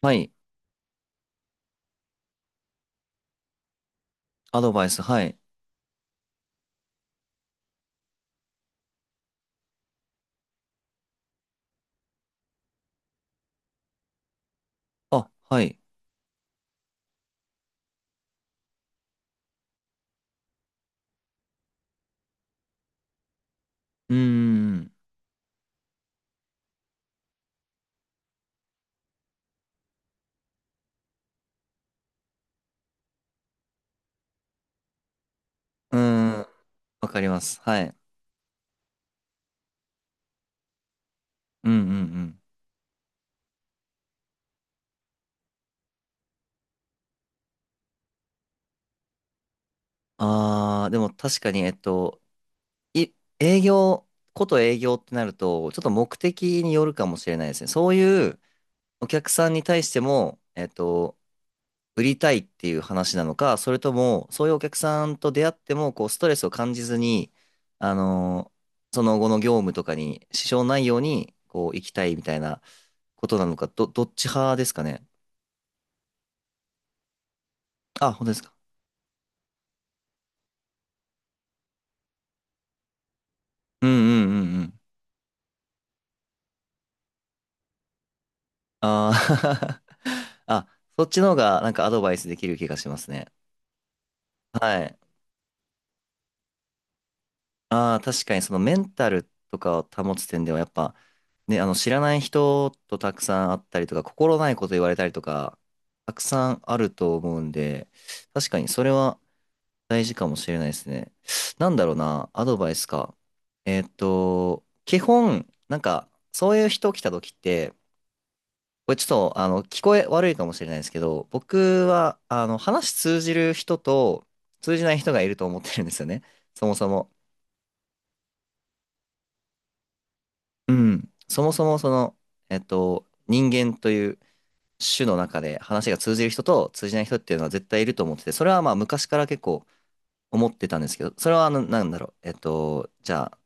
はい。アドバイス、はい。あ、はい。うーん。うーん。わかります。はい。うんうんうん。あー、でも確かに、い、営業、こと営業ってなると、ちょっと目的によるかもしれないですね。そういうお客さんに対しても、売りたいっていう話なのか、それとも、そういうお客さんと出会っても、こう、ストレスを感じずに、あのーその後の業務とかに支障ないように、こう、行きたいみたいなことなのか、どっち派ですかね。あ、本当ですか。うんうんうんうん。ああ、 あ、そっちの方がなんかアドバイスできる気がしますね。はい。ああ、確かにそのメンタルとかを保つ点ではやっぱね、あの知らない人とたくさん会ったりとか、心ないこと言われたりとか、たくさんあると思うんで、確かにそれは大事かもしれないですね。なんだろうな、アドバイスか。基本、なんかそういう人来た時って、これちょっと、あの、聞こえ悪いかもしれないですけど、僕は、あの、話通じる人と通じない人がいると思ってるんですよね。そもそも。うん。そもそも、その、人間という種の中で話が通じる人と通じない人っていうのは絶対いると思ってて、それはまあ昔から結構思ってたんですけど、それはあの、なんだろう。えっと、じゃあ、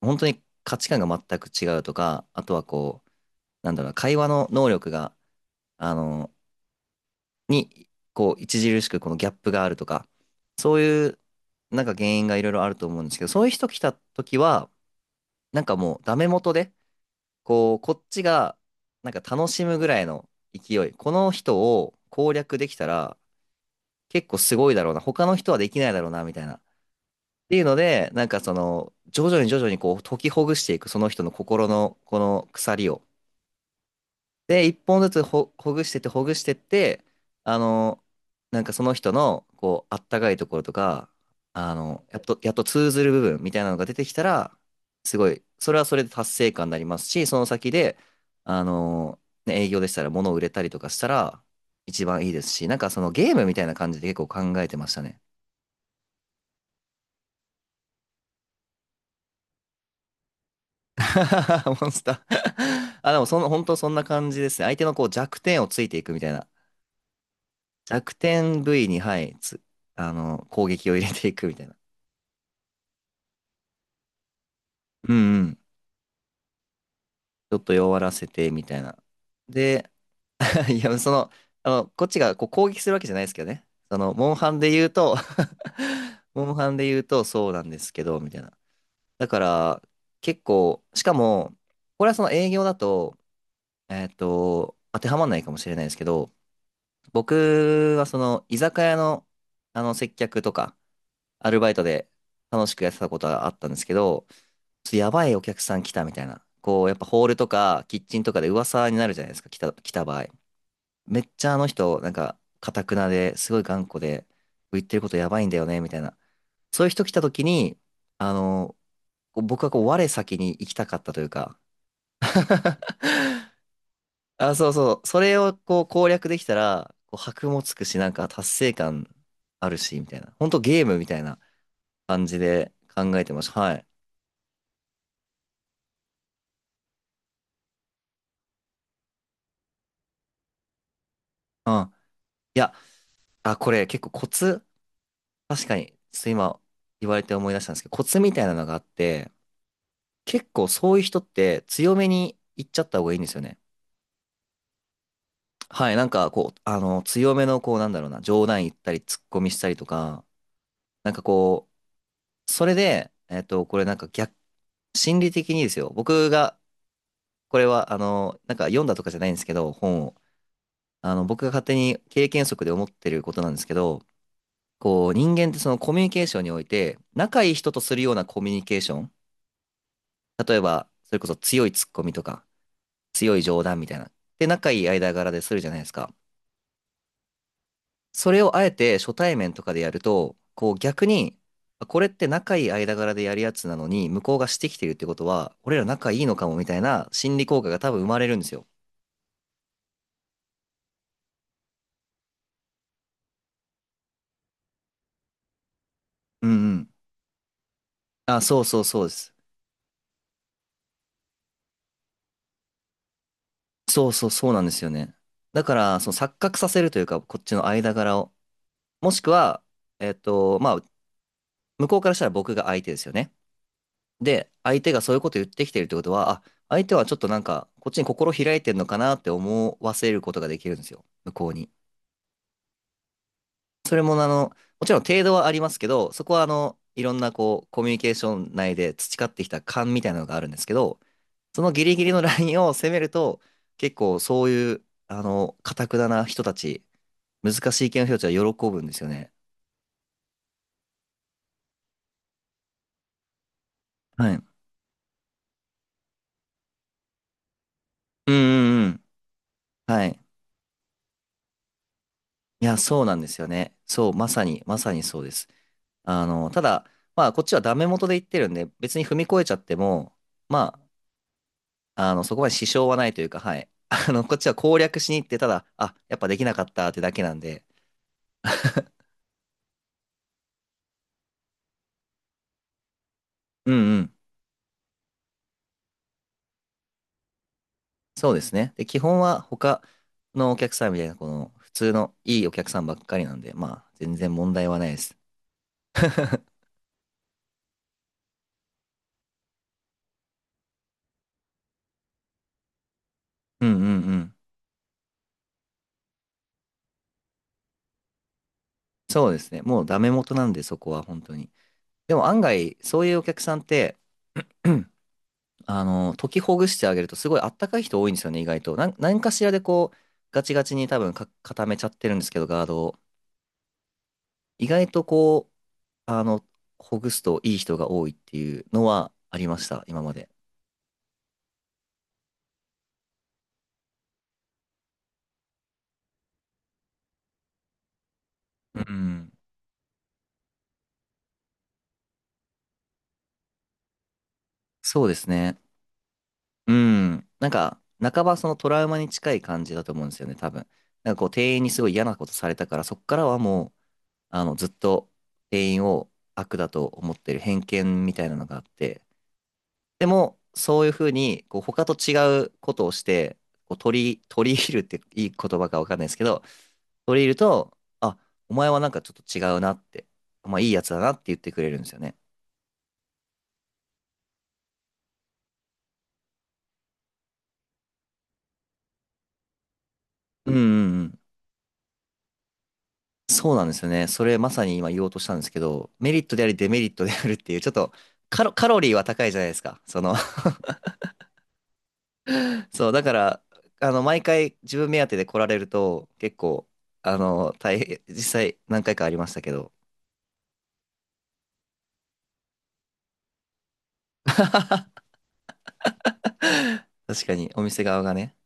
本当に価値観が全く違うとか、あとはこう、なんだろうな、会話の能力が、あのに、こう、著しくこのギャップがあるとか、そういう、なんか原因がいろいろあると思うんですけど、そういう人来た時は、なんかもうダメ元で、こう、こっちが、なんか楽しむぐらいの勢い、この人を攻略できたら、結構すごいだろうな、他の人はできないだろうな、みたいな。っていうので、なんかその、徐々に徐々にこう、解きほぐしていく、その人の心の、この鎖を。で、一本ずつほぐしてって、ほぐしてって、あの、なんかその人の、こう、あったかいところとか、あの、やっと通ずる部分みたいなのが出てきたら、すごい、それはそれで達成感になりますし、その先で、あの、ね、営業でしたら物を売れたりとかしたら、一番いいですし、なんかそのゲームみたいな感じで結構考えてましたね。モンスター あ、でもその、本当そんな感じですね。相手のこう弱点をついていくみたいな。弱点部位に、あの、攻撃を入れていくみたいな。うんうん。ちょっと弱らせて、みたいな。で、いや、その、あの、こっちがこう攻撃するわけじゃないですけどね。その、モンハンで言うと モンハンで言うとそうなんですけど、みたいな。だから、結構、しかも、これはその営業だと、えっと、当てはまんないかもしれないですけど、僕はその、居酒屋の、あの、接客とか、アルバイトで楽しくやってたことがあったんですけど、ちょっとやばいお客さん来たみたいな。こう、やっぱホールとかキッチンとかで噂になるじゃないですか、来た場合。めっちゃあの人、なんか、かたくなですごい頑固で、言ってることやばいんだよね、みたいな。そういう人来た時に、あの、こう僕はこう、我先に行きたかったというか、あ、そうそう、それをこう攻略できたら、こう、箔もつくし、なんか達成感あるし、みたいな。ほんとゲームみたいな感じで考えてました。はい。うん。いや、あ、これ結構コツ確かに、ちょっと今言われて思い出したんですけど、コツみたいなのがあって、結構そういう人って強めに言っちゃった方がいいんですよね。はい、なんかこう、あの、強めのこう、なんだろうな、冗談言ったり、突っ込みしたりとか、なんかこう、それで、これなんか逆、心理的にですよ、僕が、これは、あの、なんか読んだとかじゃないんですけど、本を、あの、僕が勝手に経験則で思ってることなんですけど、こう、人間ってそのコミュニケーションにおいて、仲いい人とするようなコミュニケーション、例えば、それこそ強いツッコミとか、強い冗談みたいな。で、仲いい間柄でするじゃないですか。それをあえて初対面とかでやると、こう逆に、あこれって仲いい間柄でやるやつなのに、向こうがしてきてるってことは、俺ら仲いいのかもみたいな心理効果が多分生まれるんですよ。うんうん。あ、そうそうそうです。そうそうそうなんですよね。だから、その錯覚させるというか、こっちの間柄を。もしくは、えっと、まあ、向こうからしたら僕が相手ですよね。で、相手がそういうこと言ってきてるってことは、あ、相手はちょっとなんか、こっちに心開いてんのかなって思わせることができるんですよ、向こうに。それも、あの、もちろん程度はありますけど、そこは、あの、いろんな、こう、コミュニケーション内で培ってきた勘みたいなのがあるんですけど、そのギリギリのラインを攻めると、結構そういう、あの、頑くなな人たち、難しい系の人たちは喜ぶんですよね。はい。うんうんうん。はい。いや、そうなんですよね。そう、まさに、まさにそうです。あの、ただ、まあ、こっちはダメ元で言ってるんで、別に踏み越えちゃっても、まあ、あの、そこまで支障はないというか、はい。あの、こっちは攻略しに行って、ただ、あ、やっぱできなかったってだけなんで、うんうん、そうですね。で、基本は他のお客さんみたいな、この、普通のいいお客さんばっかりなんで、まあ、全然問題はないです。うんうんうん。そうですね。もうダメ元なんで、そこは本当に。でも案外、そういうお客さんって、 あの、解きほぐしてあげるとすごいあったかい人多いんですよね、意外と。何かしらでこう、ガチガチに多分か固めちゃってるんですけど、ガードを。意外とこう、あの、ほぐすといい人が多いっていうのはありました、今まで。うん。そうですね。うん。なんか、半ばそのトラウマに近い感じだと思うんですよね、多分。なんかこう、店員にすごい嫌なことされたから、そっからはもう、あの、ずっと店員を悪だと思ってる偏見みたいなのがあって、でも、そういうふうに、こう、他と違うことをして、取り入るっていい言葉かわかんないですけど、取り入ると、あ、お前はなんかちょっと違うなって、まあいいやつだなって言ってくれるんですよね。うんうんうん。そうなんですよね。それまさに今言おうとしたんですけど、メリットでありデメリットであるっていう、ちょっとカロリーは高いじゃないですか。その そう、だから、あの、毎回自分目当てで来られると、結構、あの、大変、実際何回かありましたけど、確かにお店側がね、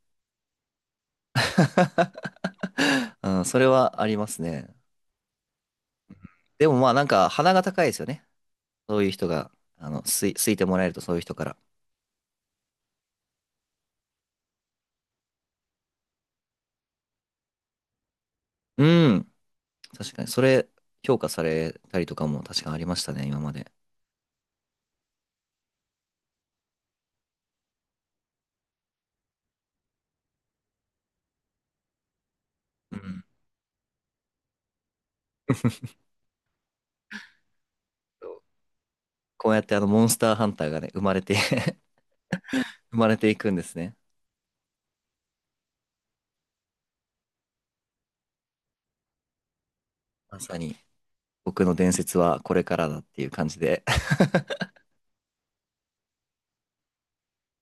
うん、それはありますね。でもまあなんか鼻が高いですよね。そういう人が、あの、すいてもらえるとそういう人から。うん。確かに。それ、評価されたりとかも確かにありましたね、今まで。うん。こうやってあの、モンスターハンターがね、生まれて 生まれていくんですね。まさに、僕の伝説はこれからだっていう感じで。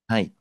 はい。